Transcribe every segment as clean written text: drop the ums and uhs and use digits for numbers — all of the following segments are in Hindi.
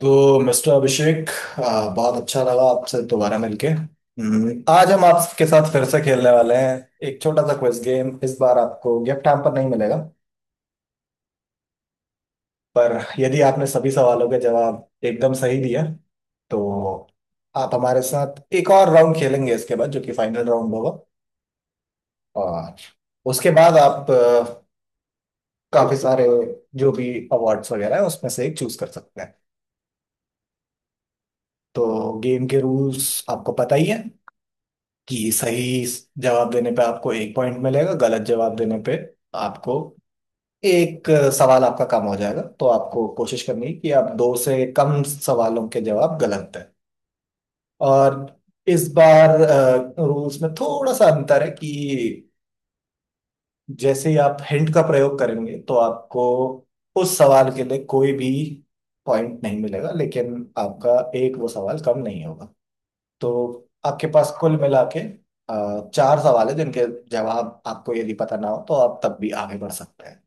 तो मिस्टर अभिषेक बहुत अच्छा लगा आपसे दोबारा मिलके। आज हम आपके साथ फिर से खेलने वाले हैं। एक छोटा सा क्विज गेम। इस बार आपको गिफ्ट हैम्पर नहीं मिलेगा, पर यदि आपने सभी सवालों के जवाब एकदम सही दिया तो आप हमारे साथ एक और राउंड खेलेंगे इसके बाद, जो कि फाइनल राउंड होगा। और उसके बाद आप काफी सारे जो भी अवार्ड्स वगैरह है उसमें से एक चूज कर सकते हैं। तो गेम के रूल्स आपको पता ही है कि सही जवाब देने पे आपको एक पॉइंट मिलेगा, गलत जवाब देने पे आपको एक सवाल आपका कम हो जाएगा। तो आपको कोशिश करनी है कि आप दो से कम सवालों के जवाब गलत दें। और इस बार रूल्स में थोड़ा सा अंतर है कि जैसे ही आप हिंट का प्रयोग करेंगे तो आपको उस सवाल के लिए कोई भी पॉइंट नहीं मिलेगा, लेकिन आपका एक वो सवाल कम नहीं होगा। तो आपके पास कुल मिला के चार सवाल है जिनके जवाब आपको यदि पता ना हो तो आप तब भी आगे बढ़ सकते हैं।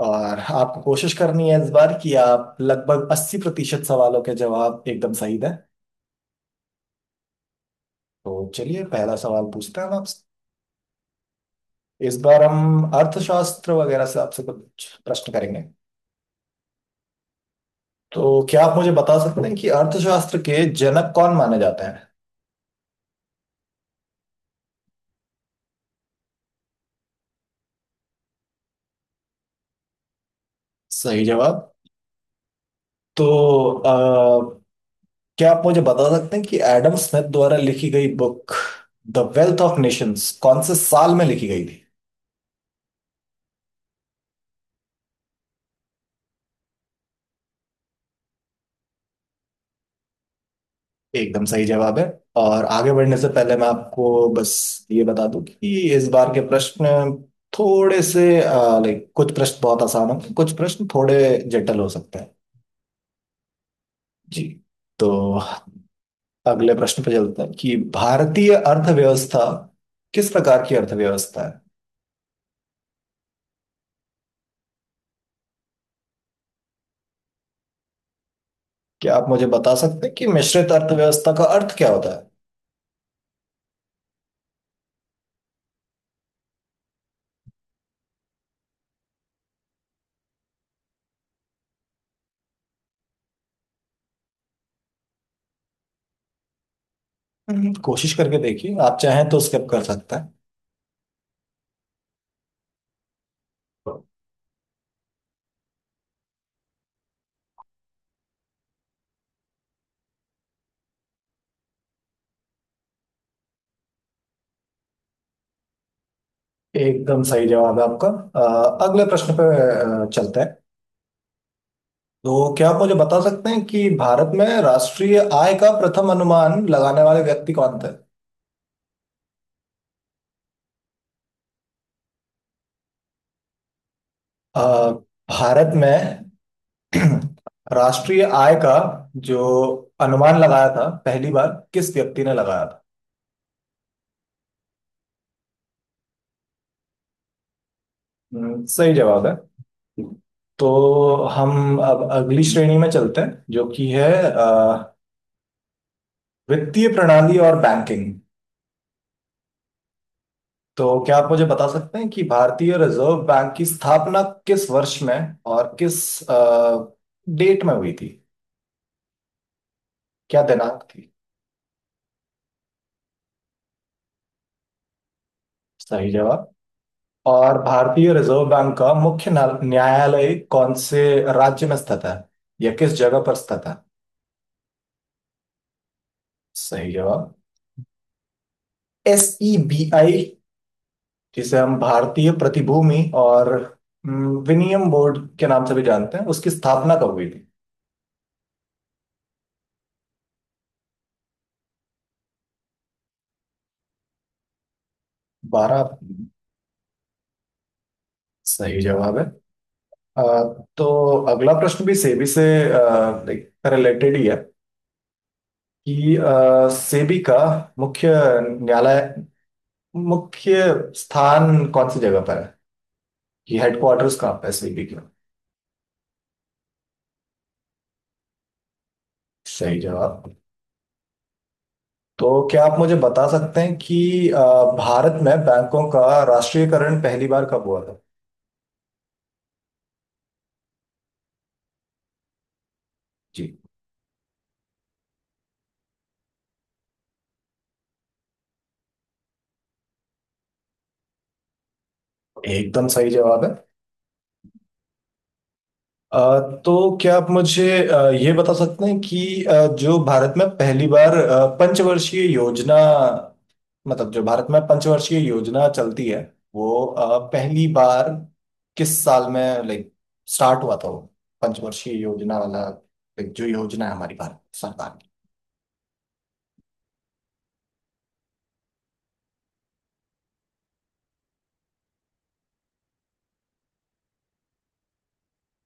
और आपको कोशिश करनी है इस बार कि आप लगभग 80% सवालों के जवाब एकदम सही दें। तो चलिए पहला सवाल पूछते हैं हम आपसे। इस बार हम अर्थशास्त्र वगैरह से आपसे कुछ प्रश्न करेंगे। तो क्या आप मुझे बता सकते हैं कि अर्थशास्त्र के जनक कौन माने जाते हैं? सही जवाब। तो क्या आप मुझे बता सकते हैं कि एडम स्मिथ द्वारा लिखी गई book the Wealth of Nations कौन से साल में लिखी गई थी? एकदम सही जवाब है। और आगे बढ़ने से पहले मैं आपको बस ये बता दूं कि इस बार के प्रश्न थोड़े से, लाइक, कुछ प्रश्न बहुत आसान होंगे, कुछ प्रश्न थोड़े जटिल हो सकते हैं। जी। तो अगले प्रश्न पे चलते हैं कि भारतीय अर्थव्यवस्था किस प्रकार की अर्थव्यवस्था है? क्या आप मुझे बता सकते हैं कि मिश्रित अर्थव्यवस्था का अर्थ क्या होता है? कोशिश करके देखिए, आप चाहें तो स्किप कर सकते हैं। एकदम सही जवाब है आपका। अगले प्रश्न पे चलते हैं। तो क्या आप मुझे बता सकते हैं कि भारत में राष्ट्रीय आय का प्रथम अनुमान लगाने वाले व्यक्ति कौन थे? अ, भारत में राष्ट्रीय आय का जो अनुमान लगाया था पहली बार, किस व्यक्ति ने लगाया था? सही जवाब है। तो हम अब अगली श्रेणी में चलते हैं जो कि है वित्तीय प्रणाली और बैंकिंग। तो क्या आप मुझे बता सकते हैं कि भारतीय रिजर्व बैंक की स्थापना किस वर्ष में और किस डेट में हुई थी? क्या दिनांक थी? सही जवाब। और भारतीय रिजर्व बैंक का मुख्य न्यायालय कौन से राज्य में स्थित है, या किस जगह पर स्थित है? सही जवाब। एस ई बी आई, जिसे हम भारतीय प्रतिभूति और, विनियम बोर्ड के नाम से भी जानते हैं, उसकी स्थापना कब हुई थी? 12। सही जवाब है। अ, तो अगला प्रश्न भी सेबी से एक रिलेटेड ही है कि सेबी का मुख्य न्यायालय, मुख्य स्थान कौन सी जगह पर है, कि हेडक्वार्टर्स कहाँ पर है सेबी का? सही जवाब। तो क्या आप मुझे बता सकते हैं कि भारत में बैंकों का राष्ट्रीयकरण पहली बार कब हुआ था? जी। एकदम सही जवाब है। अ, तो क्या आप मुझे ये बता सकते हैं कि जो भारत में पहली बार पंचवर्षीय योजना, मतलब जो भारत में पंचवर्षीय योजना चलती है, वो पहली बार किस साल में, लाइक, स्टार्ट हुआ था, वो पंचवर्षीय योजना वाला, like, जो योजना है हमारी भारत सरकार की?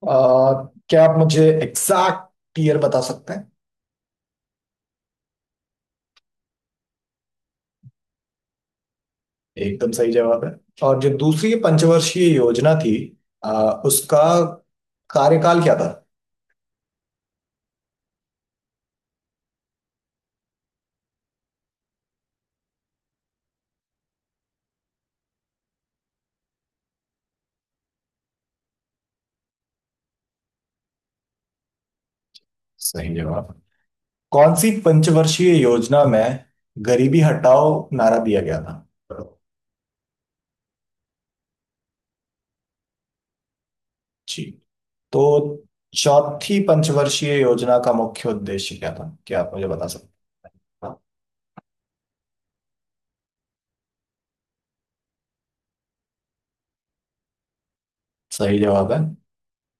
अ, क्या आप मुझे एग्जैक्ट ईयर बता सकते हैं? एकदम सही जवाब है। और जो दूसरी पंचवर्षीय योजना थी, उसका कार्यकाल क्या था? सही जवाब। कौन सी पंचवर्षीय योजना में गरीबी हटाओ नारा दिया गया था? जी। तो चौथी पंचवर्षीय योजना का मुख्य उद्देश्य क्या था, क्या आप मुझे बता सकते हैं? सही जवाब है।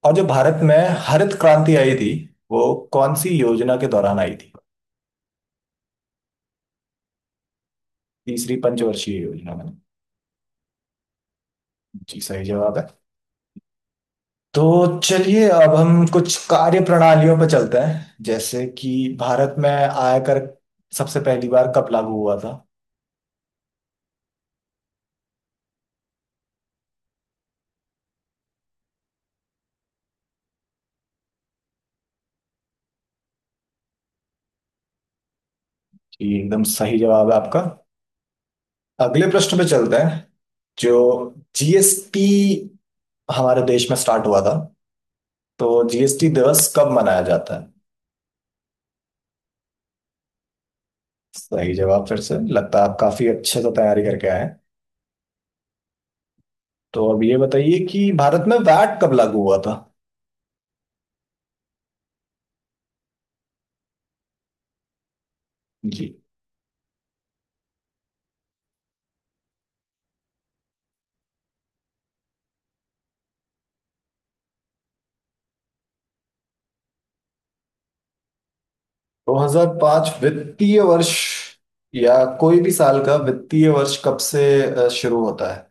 और जो भारत में हरित क्रांति आई थी, वो कौन सी योजना के दौरान आई थी? तीसरी पंचवर्षीय योजना में? जी, सही जवाब है। तो चलिए अब हम कुछ कार्य प्रणालियों पर चलते हैं, जैसे कि भारत में आयकर सबसे पहली बार कब लागू हुआ था? ये एकदम सही जवाब है आपका। अगले प्रश्न पे चलते हैं। जो जीएसटी हमारे देश में स्टार्ट हुआ था, तो जीएसटी दिवस कब मनाया जाता है? सही जवाब। फिर से लगता है आप काफी अच्छे से तैयारी करके आए हैं। तो अब ये बताइए कि भारत में वैट कब लागू हुआ था? जी। 2005 वित्तीय वर्ष, या कोई भी साल का वित्तीय वर्ष कब से शुरू होता है?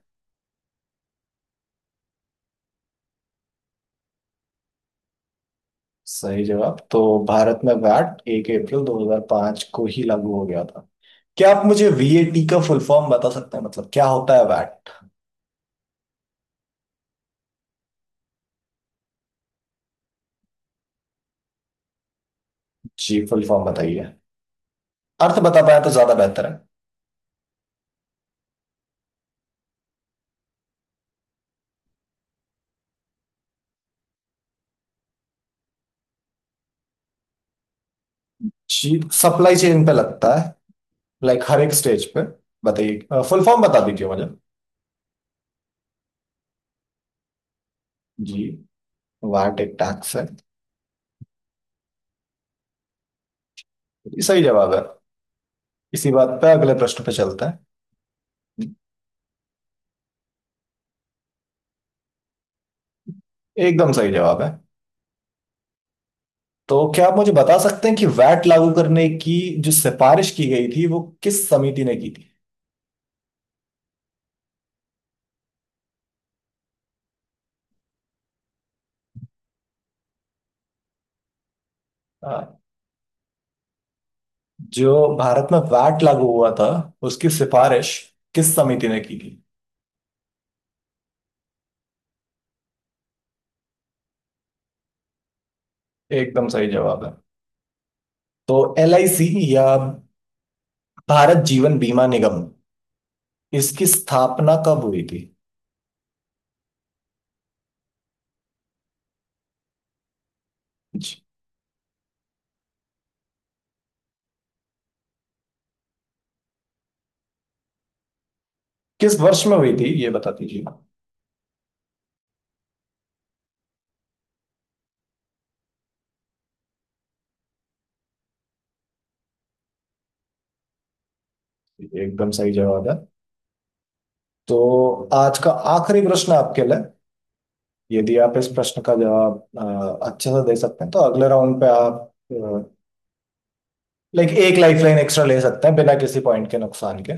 सही जवाब। तो भारत में वैट एक अप्रैल 2005 को ही लागू हो गया था। क्या आप मुझे वीएटी का फुल फॉर्म बता सकते हैं, मतलब क्या होता है वैट? जी, फुल फॉर्म बताइए, अर्थ बता पाए तो ज्यादा बेहतर है। जी। सप्लाई चेन पे लगता है, लाइक हर एक स्टेज पे। बताइए, फुल फॉर्म बता दीजिए मुझे। जी, वैट एक टैक्स है। ये सही जवाब है। इसी बात पे अगले प्रश्न पे चलते हैं। एकदम सही जवाब है। तो क्या आप मुझे बता सकते हैं कि वैट लागू करने की जो सिफारिश की गई थी, वो किस समिति ने की थी? आ, जो भारत में वैट लागू हुआ था, उसकी सिफारिश किस समिति ने की थी? एकदम सही जवाब है। तो एल आई सी, या भारत जीवन बीमा निगम, इसकी स्थापना कब हुई थी? जी। किस वर्ष में हुई थी ये बता दीजिए। एकदम सही जवाब है। तो आज का आखिरी प्रश्न आपके लिए, यदि आप इस प्रश्न का जवाब अच्छे से दे सकते हैं तो अगले राउंड पे आप, लाइक, एक लाइफलाइन एक्स्ट्रा ले सकते हैं बिना किसी पॉइंट के नुकसान के।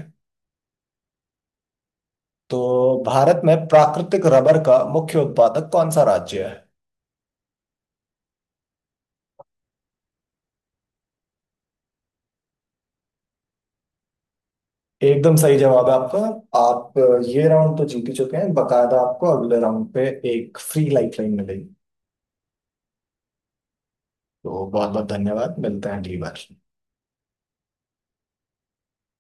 तो भारत में प्राकृतिक रबर का मुख्य उत्पादक कौन सा राज्य है? एकदम सही जवाब है आपका। आप ये राउंड तो जीत ही चुके हैं, बकायदा आपको अगले राउंड पे एक फ्री लाइफलाइन मिलेगी। तो बहुत बहुत धन्यवाद, मिलते हैं अगली बार।